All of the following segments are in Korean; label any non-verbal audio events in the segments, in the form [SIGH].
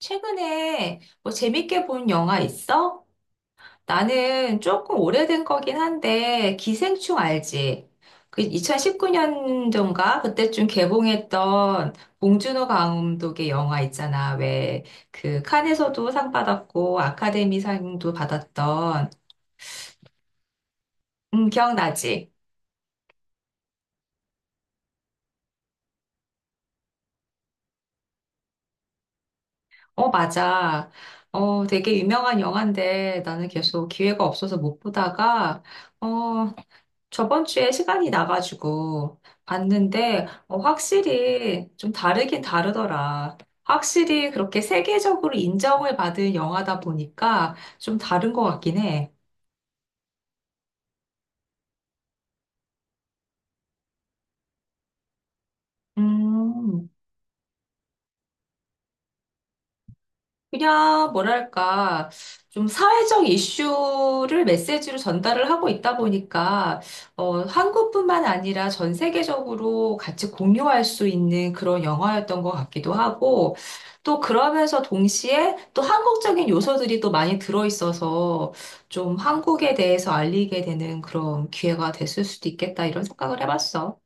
최근에 뭐 재밌게 본 영화 있어? 나는 조금 오래된 거긴 한데, 기생충 알지? 그 2019년도인가? 그때쯤 개봉했던 봉준호 감독의 영화 있잖아. 왜, 그 칸에서도 상 받았고, 아카데미 상도 받았던, 기억나지? 어, 맞아. 어, 되게 유명한 영화인데, 나는 계속 기회가 없어서 못 보다가, 어, 저번 주에 시간이 나가지고 봤는데 어, 확실히 좀 다르긴 다르더라. 확실히 그렇게 세계적으로 인정을 받은 영화다 보니까 좀 다른 것 같긴 해. 음. 그냥 뭐랄까 좀 사회적 이슈를 메시지로 전달을 하고 있다 보니까 어, 한국뿐만 아니라 전 세계적으로 같이 공유할 수 있는 그런 영화였던 것 같기도 하고 또 그러면서 동시에 또 한국적인 요소들이 또 많이 들어있어서 좀 한국에 대해서 알리게 되는 그런 기회가 됐을 수도 있겠다 이런 생각을 해봤어.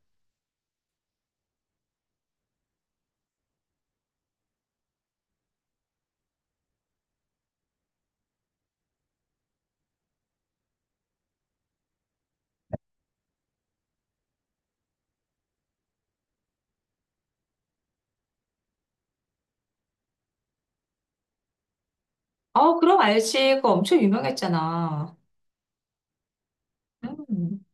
어, 그럼 알지. 그거 엄청 유명했잖아. 음,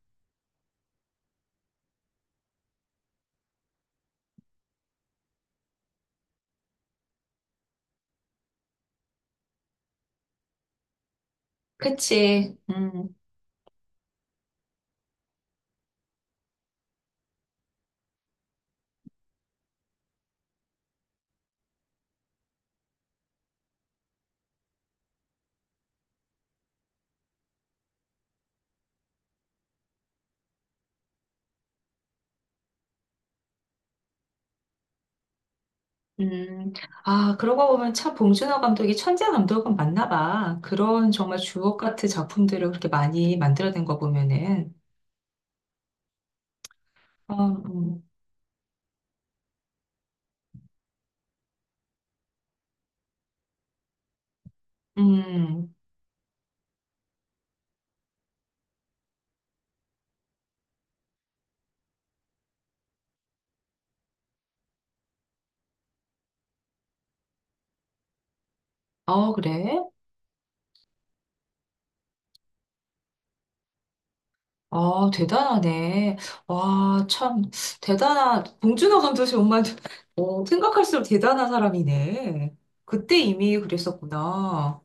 그치. 음. 음, 아, 그러고 보면 참 봉준호 감독이 천재 감독은 맞나 봐. 그런 정말 주옥 같은 작품들을 그렇게 많이 만들어낸 거 보면은. 어, 음. 어, 그래? 어, 대단하네. 와, 참, 대단한, 봉준호 감독이 정말, [LAUGHS] 어, 생각할수록 대단한 사람이네. 그때 이미 그랬었구나.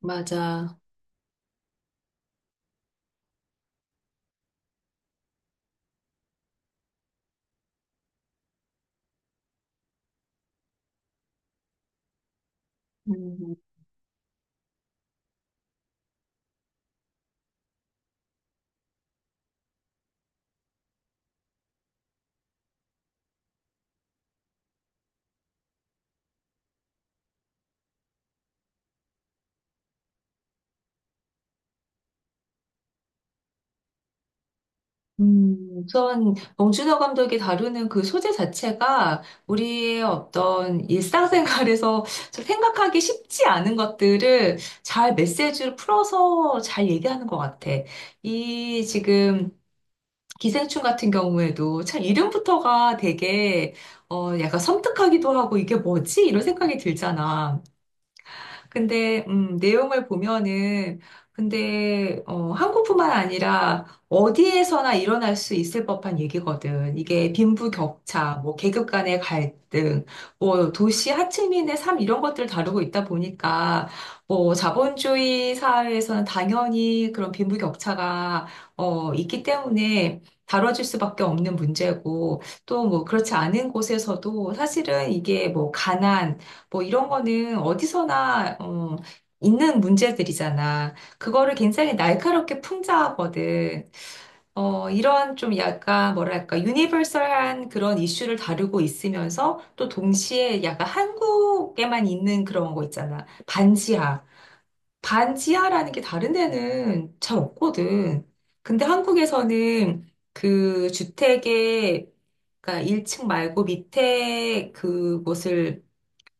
맞아. 음. 음, 우선 봉준호 감독이 다루는 그 소재 자체가 우리의 어떤 일상생활에서 좀 생각하기 쉽지 않은 것들을 잘 메시지를 풀어서 잘 얘기하는 것 같아. 이 지금 기생충 같은 경우에도 참 이름부터가 되게 어, 약간 섬뜩하기도 하고 이게 뭐지? 이런 생각이 들잖아. 근데 내용을 보면은 근데 어, 한국뿐만 아니라 어디에서나 일어날 수 있을 법한 얘기거든. 이게 빈부격차, 뭐 계급 간의 갈등, 뭐 도시 하층민의 삶 이런 것들을 다루고 있다 보니까 뭐 자본주의 사회에서는 당연히 그런 빈부격차가 어, 있기 때문에 다뤄질 수밖에 없는 문제고 또 뭐 그렇지 않은 곳에서도 사실은 이게 뭐 가난 뭐 이런 거는 어디서나 어, 있는 문제들이잖아. 그거를 굉장히 날카롭게 풍자하거든. 어, 이런 좀 약간 뭐랄까 유니버설한 그런 이슈를 다루고 있으면서 또 동시에 약간 한국에만 있는 그런 거 있잖아. 반지하. 반지하라는 게 다른 데는 잘 없거든. 근데 한국에서는 그 주택의 그러니까 1층 말고 밑에 그곳을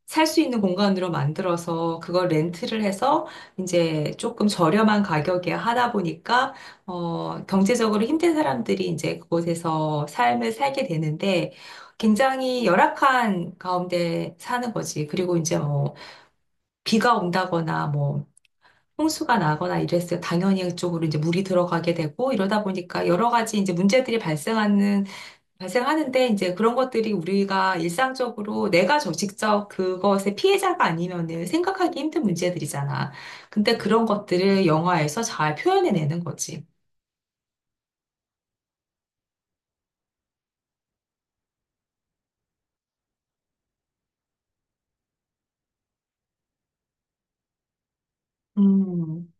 살 수 있는 공간으로 만들어서 그걸 렌트를 해서 이제 조금 저렴한 가격에 하다 보니까 어 경제적으로 힘든 사람들이 이제 그곳에서 삶을 살게 되는데 굉장히 열악한 가운데 사는 거지. 그리고 이제 뭐 비가 온다거나 뭐 홍수가 나거나 이랬을 때 당연히 그쪽으로 이제 물이 들어가게 되고 이러다 보니까 여러 가지 이제 문제들이 발생하는데 이제 그런 것들이 우리가 일상적으로 내가 저 직접 그것의 피해자가 아니면은 생각하기 힘든 문제들이잖아. 근데 그런 것들을 영화에서 잘 표현해내는 거지. 음.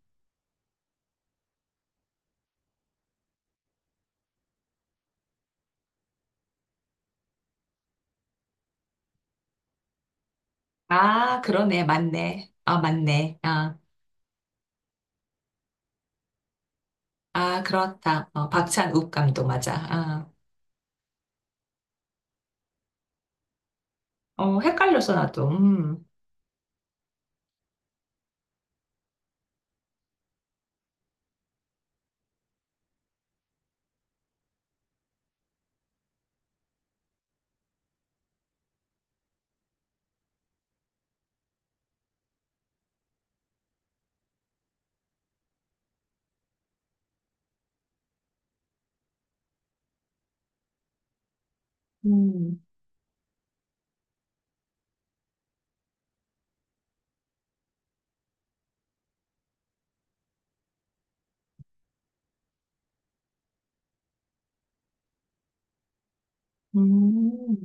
아, 그러네. 맞네. 아, 맞네. 아, 아, 그렇다. 어, 박찬욱 감독 맞아. 아, 어, 헷갈렸어, 나도. 음. 음. 음.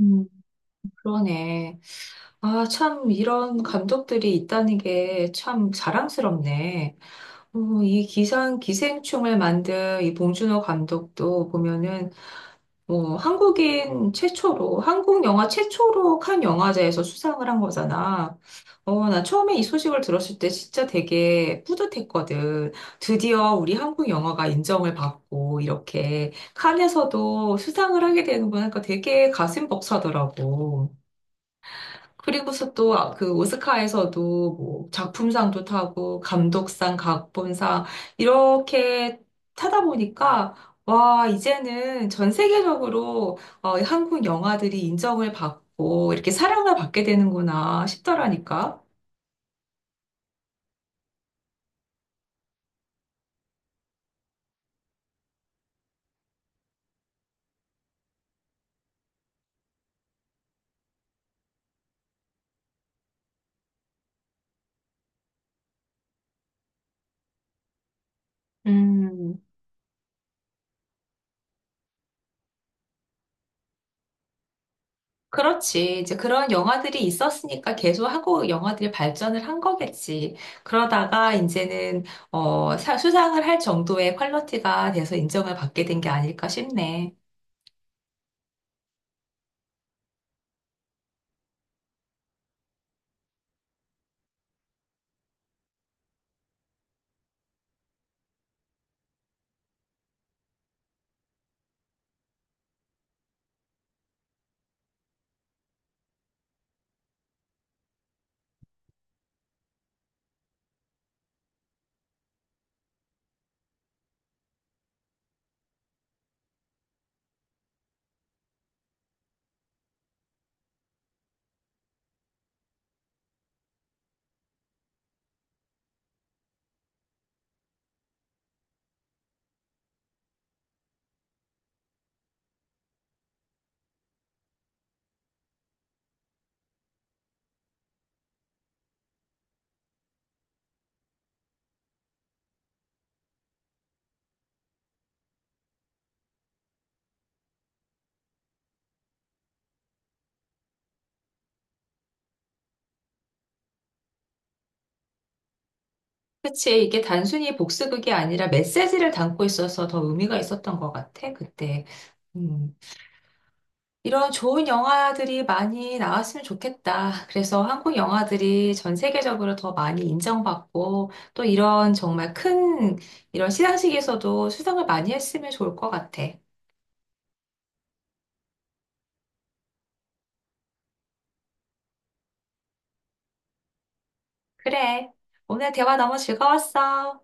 음. 그러네. 아, 참, 이런 감독들이 있다는 게 참 자랑스럽네. 어, 이 기상 기생충을 만든 이 봉준호 감독도 보면은 뭐 한국인 최초로 한국 영화 최초로 칸 영화제에서 수상을 한 거잖아. 어, 나 처음에 이 소식을 들었을 때 진짜 되게 뿌듯했거든. 드디어 우리 한국 영화가 인정을 받고 이렇게 칸에서도 수상을 하게 되는구나. 그러니까 되게 가슴 벅차더라고. 그리고서 또 아, 그 오스카에서도 뭐 작품상도 타고 감독상, 각본상 이렇게 타다 보니까 와, 이제는 전 세계적으로 어, 한국 영화들이 인정을 받고 이렇게 사랑을 받게 되는구나 싶더라니까. 음, 그렇지. 이제 그런 영화들이 있었으니까 계속 하고 영화들이 발전을 한 거겠지. 그러다가 이제는 어, 수상을 할 정도의 퀄리티가 돼서 인정을 받게 된 게 아닐까 싶네. 그치. 이게 단순히 복수극이 아니라 메시지를 담고 있어서 더 의미가 있었던 것 같아, 그때. 음, 이런 좋은 영화들이 많이 나왔으면 좋겠다. 그래서 한국 영화들이 전 세계적으로 더 많이 인정받고 또 이런 정말 큰 이런 시상식에서도 수상을 많이 했으면 좋을 것 같아. 그래. 오늘 대화 너무 즐거웠어.